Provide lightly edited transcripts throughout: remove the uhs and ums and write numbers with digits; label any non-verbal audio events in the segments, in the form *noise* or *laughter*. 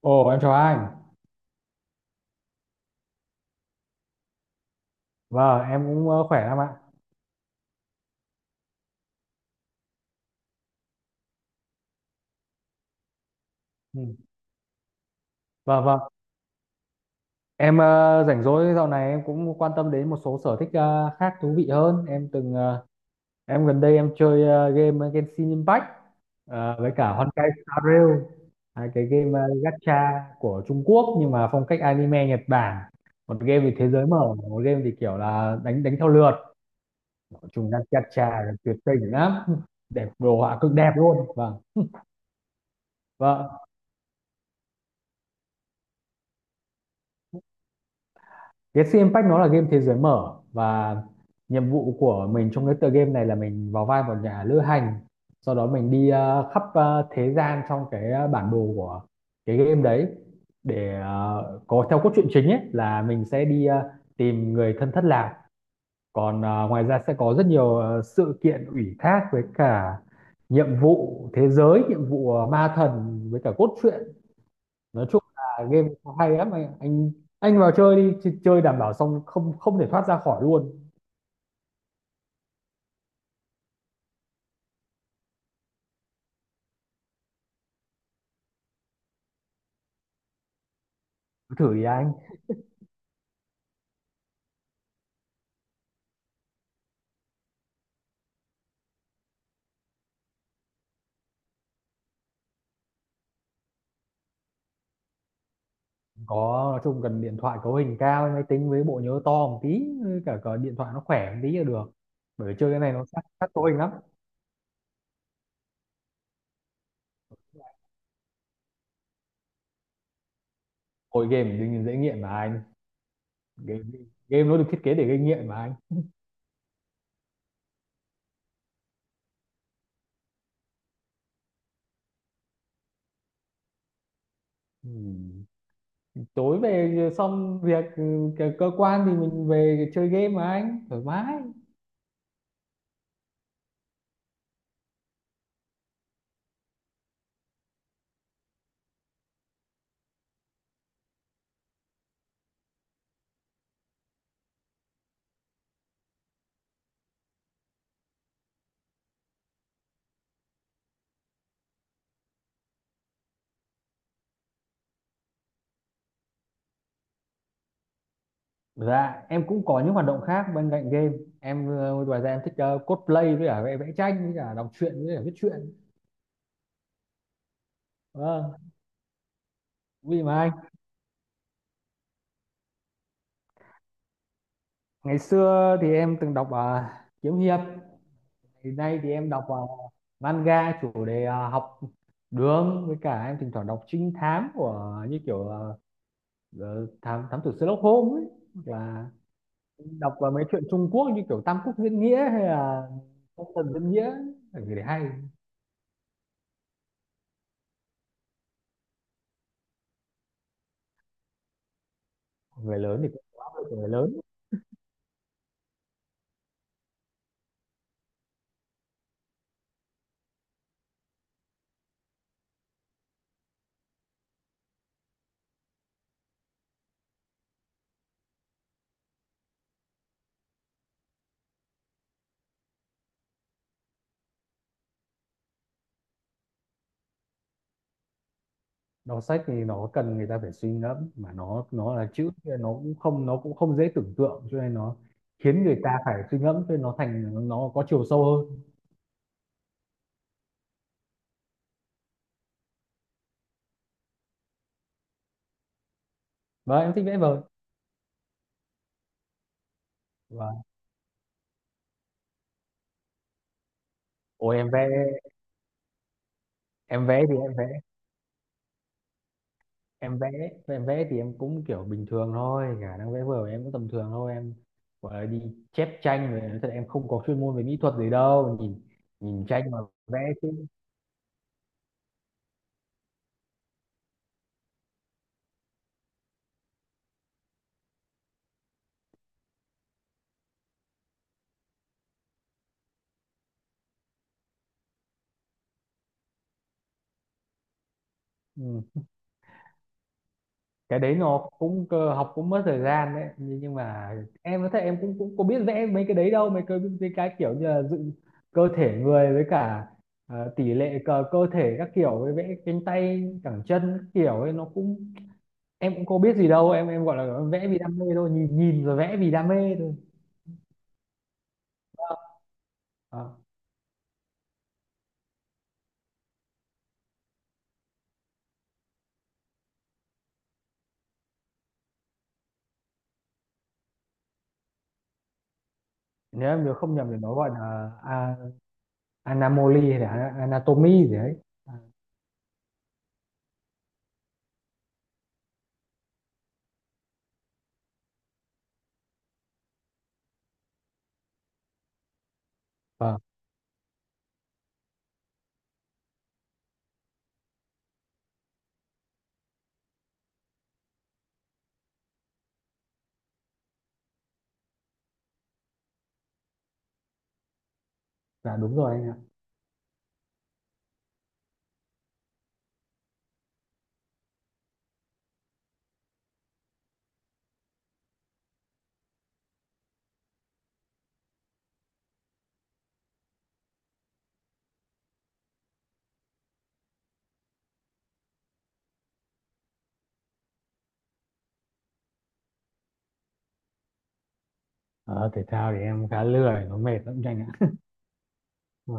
Ồ, em chào anh. Vâng, em cũng khỏe lắm ạ. Ừ. Vâng, vâng. Em rảnh rỗi dạo này em cũng quan tâm đến một số sở thích khác thú vị hơn. Em gần đây em chơi game Genshin Impact với cả Honkai Star Rail, hai cái game gacha của Trung Quốc nhưng mà phong cách anime Nhật Bản. Một game thì thế giới mở, một game thì kiểu là đánh đánh theo lượt. Chúng gacha tuyệt tình lắm, đẹp đồ họa cực đẹp luôn. Vâng. Vâng, cái Genshin Impact nó là game thế giới mở và nhiệm vụ của mình trong cái tựa game này là mình vào vai một nhà lữ hành sau đó mình đi khắp thế gian trong bản đồ của cái game đấy để có theo cốt truyện chính ấy là mình sẽ đi tìm người thân thất lạc còn ngoài ra sẽ có rất nhiều sự kiện ủy thác với cả nhiệm vụ thế giới nhiệm vụ ma thần với cả cốt truyện nói chung là game nó hay lắm anh vào chơi đi chơi đảm bảo xong không không thể thoát ra khỏi luôn. Cứ thử đi anh. Có nói chung cần điện thoại cấu hình cao máy tính với bộ nhớ to một tí với cả điện thoại nó khỏe một tí là được bởi vì chơi cái này nó sát sát cấu hình lắm. Hồi game thì dễ nghiện mà anh. Game, game nó được thiết kế để gây nghiện mà anh. Ừ. Tối về xong việc cơ cơ quan thì mình về chơi game mà anh thoải mái. Dạ, em cũng có những hoạt động khác bên cạnh game. Em ngoài ra em thích cosplay với cả vẽ vẽ tranh với cả đọc truyện với cả viết truyện. Vâng, vì mà anh. Ngày xưa thì em từng đọc kiếm hiệp. Hiện nay thì em đọc manga chủ đề học đường với cả em thỉnh thoảng đọc trinh thám của như kiểu thám thám tử Sherlock Holmes ấy. Hoặc là đọc vào mấy chuyện Trung Quốc như kiểu Tam Quốc diễn nghĩa hay là Phong Thần diễn nghĩa để hay. Người lớn thì cũng có áp lực của người lớn. Đọc sách thì nó cần người ta phải suy ngẫm mà nó là chữ thì nó cũng không dễ tưởng tượng cho nên nó khiến người ta phải suy ngẫm cho nên nó thành nó có chiều sâu hơn và em thích vẽ vời. Và ôi em vẽ thì em vẽ em vẽ em vẽ thì em cũng kiểu bình thường thôi khả năng vẽ vời em cũng tầm thường thôi em gọi là đi chép tranh rồi nói thật em không có chuyên môn về mỹ thuật gì đâu nhìn nhìn tranh mà vẽ chứ. Ừ. Cái đấy nó cũng cơ học cũng mất thời gian đấy nhưng mà em nói thật em cũng cũng có biết vẽ mấy cái đấy đâu mấy cái kiểu như là dựng cơ thể người với cả tỷ lệ cơ thể các kiểu với vẽ cánh tay cẳng chân các kiểu ấy nó cũng em cũng có biết gì đâu em gọi là vẽ vì đam mê thôi nhìn nhìn rồi vẽ vì đam mê thôi. Ờ, Nếu em nhớ không nhầm thì nó gọi là anamoli hay là anatomy gì đấy. Ờ, vâng, dạ đúng rồi anh ạ. Ờ, thể thao thì em khá lười nó mệt lắm anh ạ. Ừ.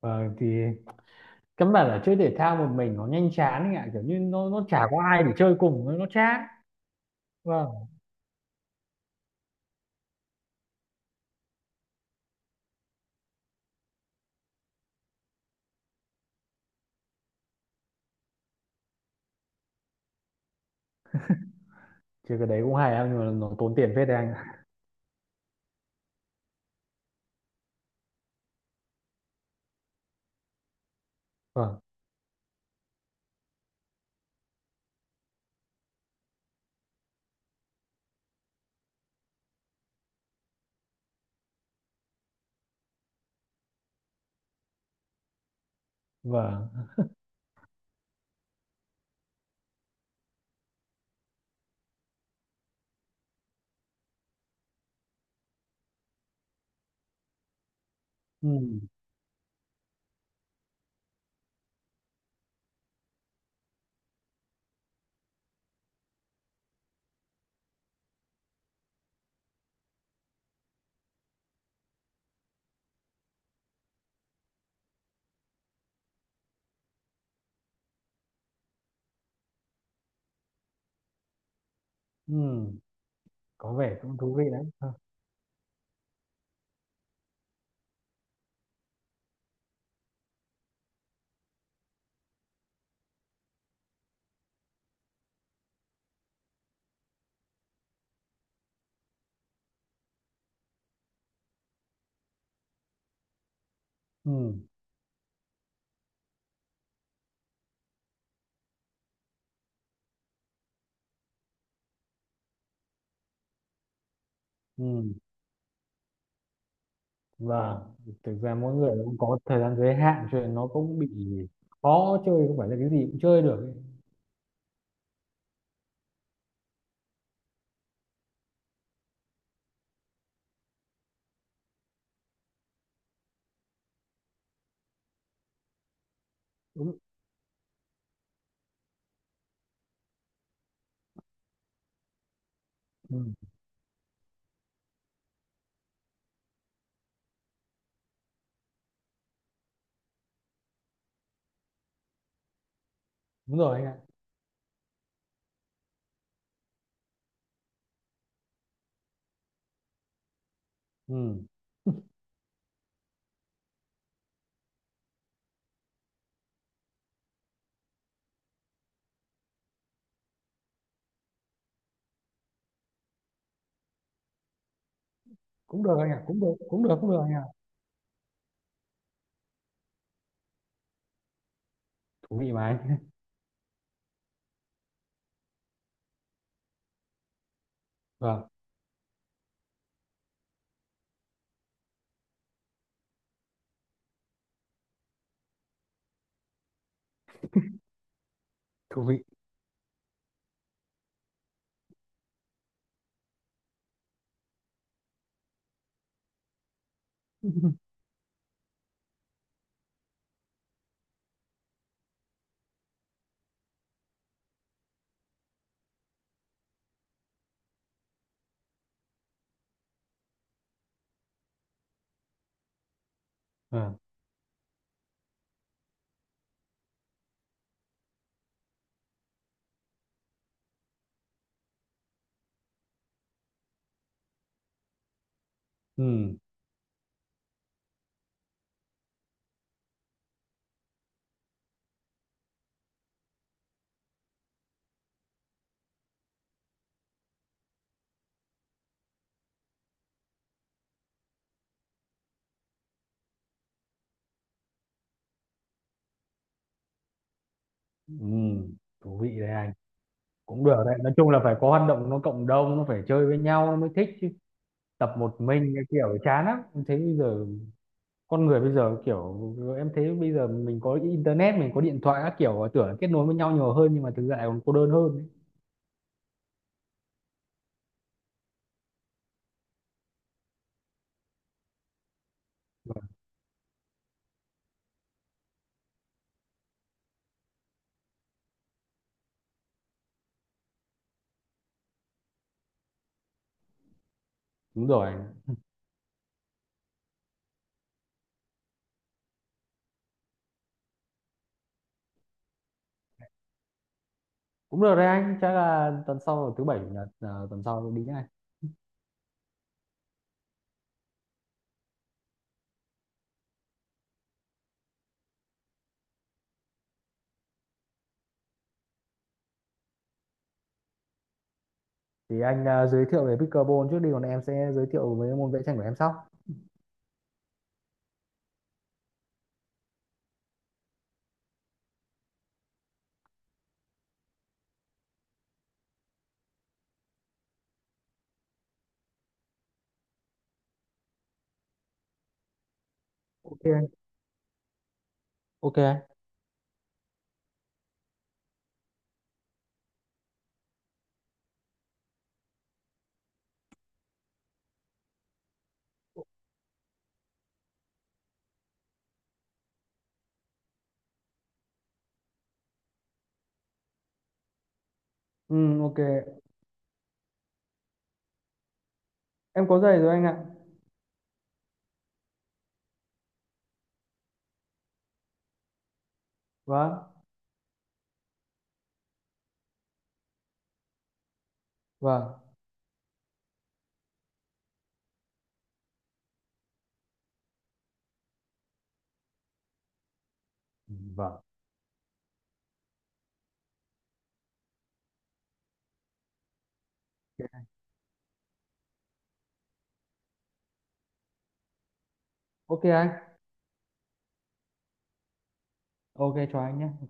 Ờ, thì căn bản là chơi thể thao một mình nó nhanh chán anh ạ kiểu như nó chả có ai để chơi cùng nó chán. Vâng, chơi cái đấy cũng hay anh nhưng mà nó tốn tiền phết đấy anh ạ. Vâng. Vâng. Ừ. Ừ. Có vẻ cũng thú vị đấy. Vâng. Ừ. Ừ. Vâng, thực ra mỗi người cũng có thời gian giới hạn cho nên nó cũng bị khó chơi không phải là cái gì cũng chơi được ấy. Đúng. Ừ. Đúng rồi anh ạ. Ừ, cũng được anh ạ, cũng được, cũng được, cũng được anh ạ. Thú vị mà anh. *laughs* Vâng, thú vị. *laughs* Vâng. Ừ. Ừ, thú vị đấy anh, cũng được đấy nói chung là phải có hoạt động nó cộng đồng nó phải chơi với nhau nó mới thích chứ. Tập một mình cái kiểu chán lắm em thấy bây giờ con người bây giờ kiểu em thấy bây giờ mình có internet mình có điện thoại các kiểu tưởng kết nối với nhau nhiều hơn nhưng mà thực ra lại còn cô đơn hơn ấy. Đúng rồi. Cũng được đấy anh, chắc là tuần sau thứ bảy chủ nhật, à, tuần sau đi nhá anh. Thì anh à, giới thiệu về pickleball trước đi còn em sẽ giới thiệu với môn vẽ tranh của em sau. Ok anh. Ok anh. Ừ. Ok. Em có giày rồi anh ạ. Vâng. Vâng. Ừ, vâng. Ok anh. Ok cho anh nhé.